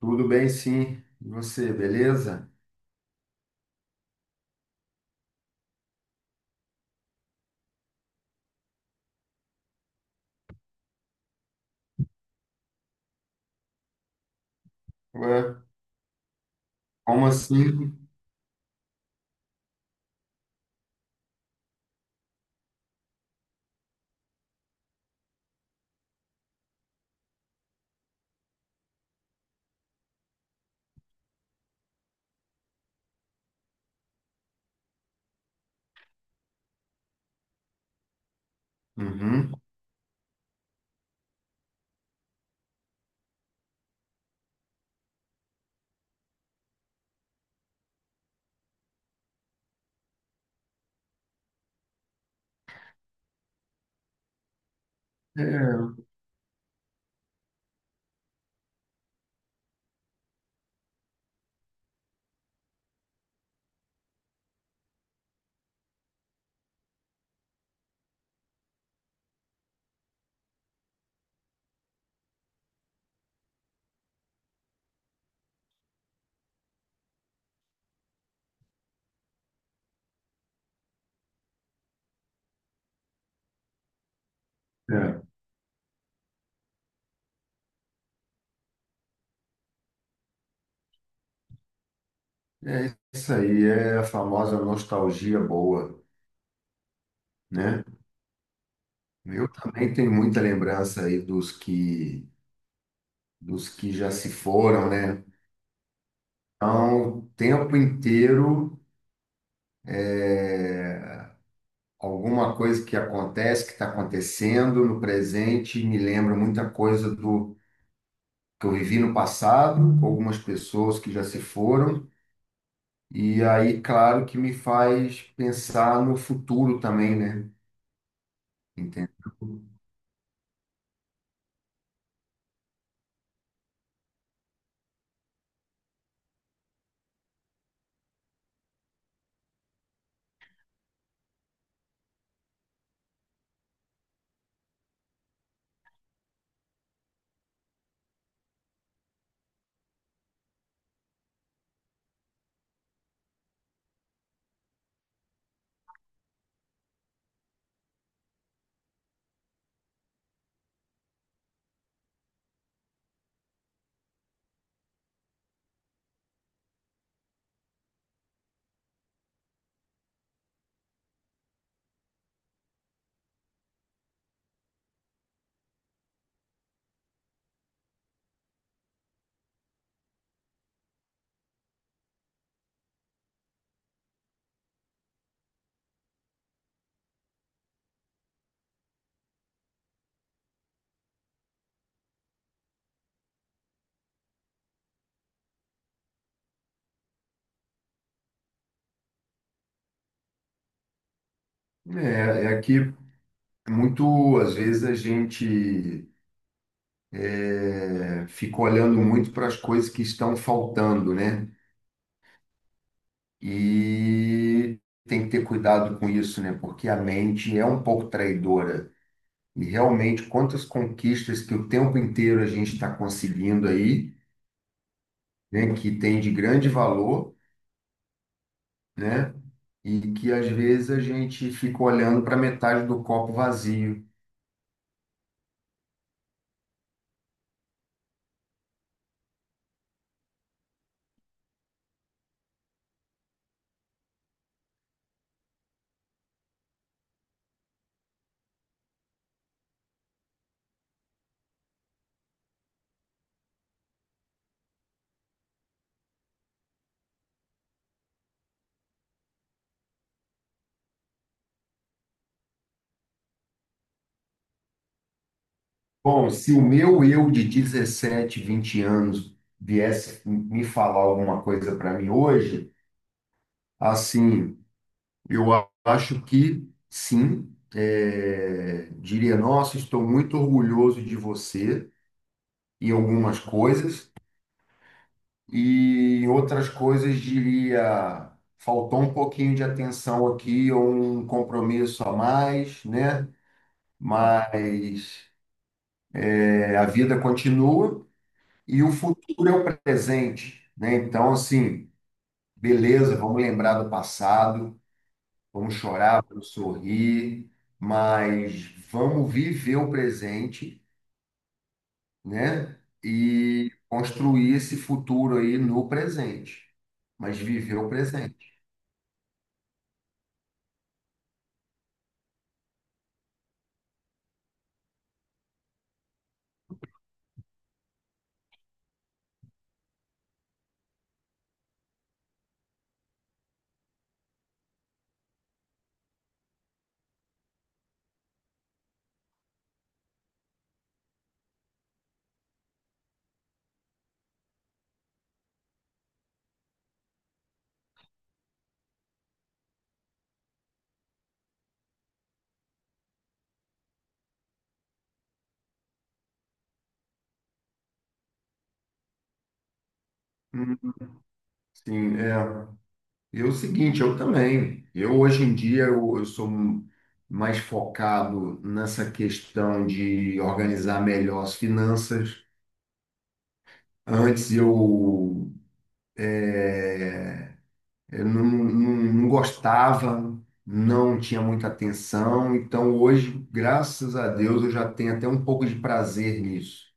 Tudo bem, sim. E você, beleza? Ué, como assim? Uhum. É, é, é isso aí, é a famosa nostalgia boa, né? Eu também tenho muita lembrança aí dos que já se foram, né? Então, o tempo inteiro, é, alguma coisa que acontece, que está acontecendo no presente, me lembra muita coisa do que eu vivi no passado, com algumas pessoas que já se foram. E aí, claro que me faz pensar no futuro também, né? Entendeu? É que muito, às vezes, a gente é, fica olhando muito para as coisas que estão faltando, né? E tem que ter cuidado com isso, né? Porque a mente é um pouco traidora. E realmente, quantas conquistas que o tempo inteiro a gente está conseguindo aí, né? Que tem de grande valor, né? E que às vezes a gente fica olhando para metade do copo vazio. Bom, se o meu eu de 17, 20 anos viesse me falar alguma coisa para mim hoje, assim, eu acho que sim, é, diria, nossa, estou muito orgulhoso de você em algumas coisas, e em outras coisas diria, faltou um pouquinho de atenção aqui, ou um compromisso a mais, né? Uhum. Mas é, a vida continua e o futuro é o presente, né? Então, assim, beleza, vamos lembrar do passado, vamos chorar, vamos sorrir, mas vamos viver o presente, né? E construir esse futuro aí no presente, mas viver o presente. Hum, Sim, é. E é o seguinte, eu também. Eu hoje em dia eu sou mais focado nessa questão de organizar melhor as finanças. Antes eu, eh, eu não gostava, não tinha muita atenção. Então hoje, graças a Deus, eu já tenho até um pouco de prazer nisso.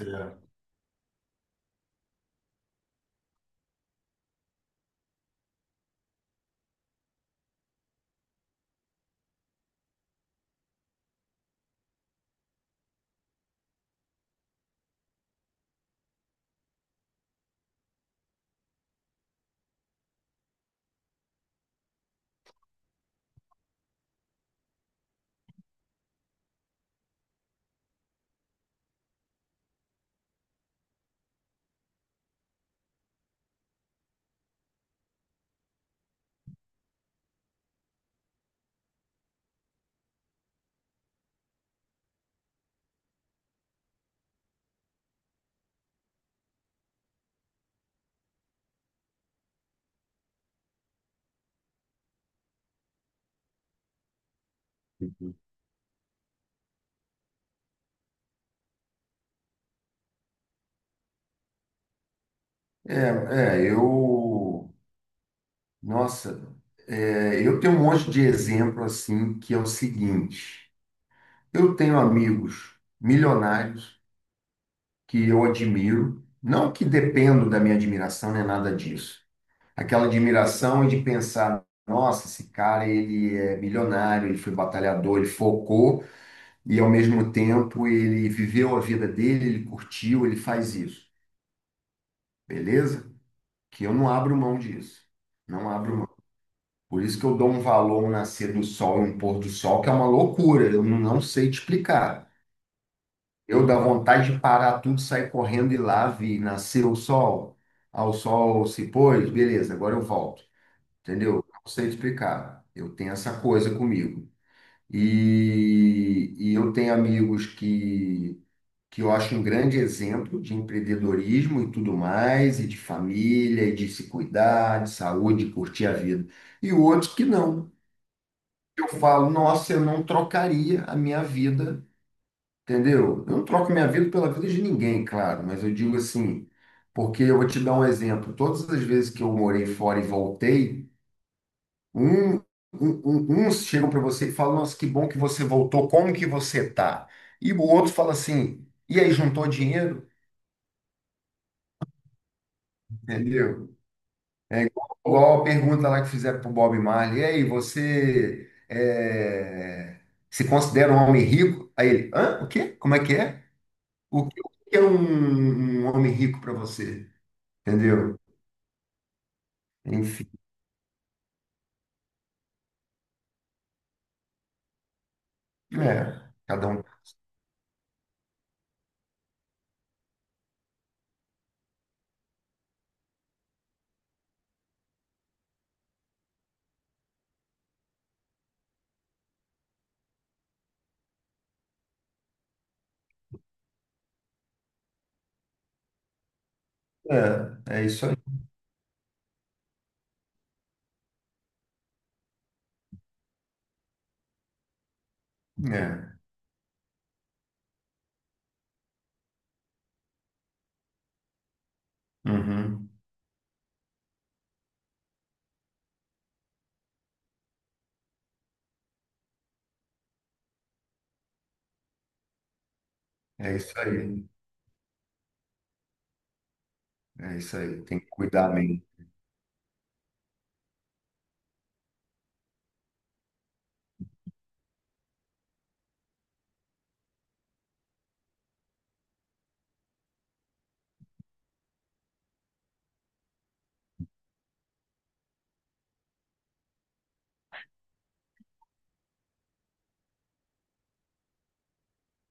É. Uhum. É, é, eu, nossa, é, eu tenho um monte de exemplo assim que é o seguinte. Eu tenho amigos milionários que eu admiro, não que dependo da minha admiração, nem nada disso. Aquela admiração é de pensar, nossa, esse cara, ele é milionário, ele foi batalhador, ele focou e ao mesmo tempo ele viveu a vida dele, ele curtiu, ele faz isso. Beleza? Que eu não abro mão disso. Não abro mão. Por isso que eu dou um valor a um nascer do sol e um pôr do sol, que é uma loucura, eu não sei te explicar. Eu dá vontade de parar tudo, sair correndo e lá vi nascer o sol, ao sol se pôs, beleza, agora eu volto. Entendeu? Não sei explicar. Eu tenho essa coisa comigo. E eu tenho amigos que eu acho um grande exemplo de empreendedorismo e tudo mais, e de família, e de se cuidar, de saúde, de curtir a vida. E outros que não. Eu falo, nossa, eu não trocaria a minha vida. Entendeu? Eu não troco minha vida pela vida de ninguém, claro, mas eu digo assim, porque eu vou te dar um exemplo. Todas as vezes que eu morei fora e voltei, um, um- uns chegam para você e falam, nossa, que bom que você voltou, como que você tá? E o outro fala assim, e aí, juntou dinheiro? Entendeu? É igual, igual a pergunta lá que fizeram para o Bob Marley, e aí, você é, se considera um homem rico? Aí ele, hã? O quê? Como é que é? O que é um homem rico para você? Entendeu? Enfim, é. Cada um. É, é isso aí. É. Uhum. É isso aí. É isso aí. Tem que cuidar bem.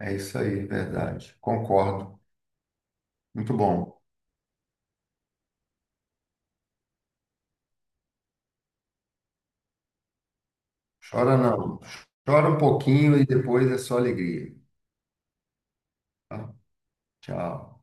É isso aí, verdade. Concordo. Muito bom. Chora não. Chora um pouquinho e depois é só alegria. Tá? Tchau.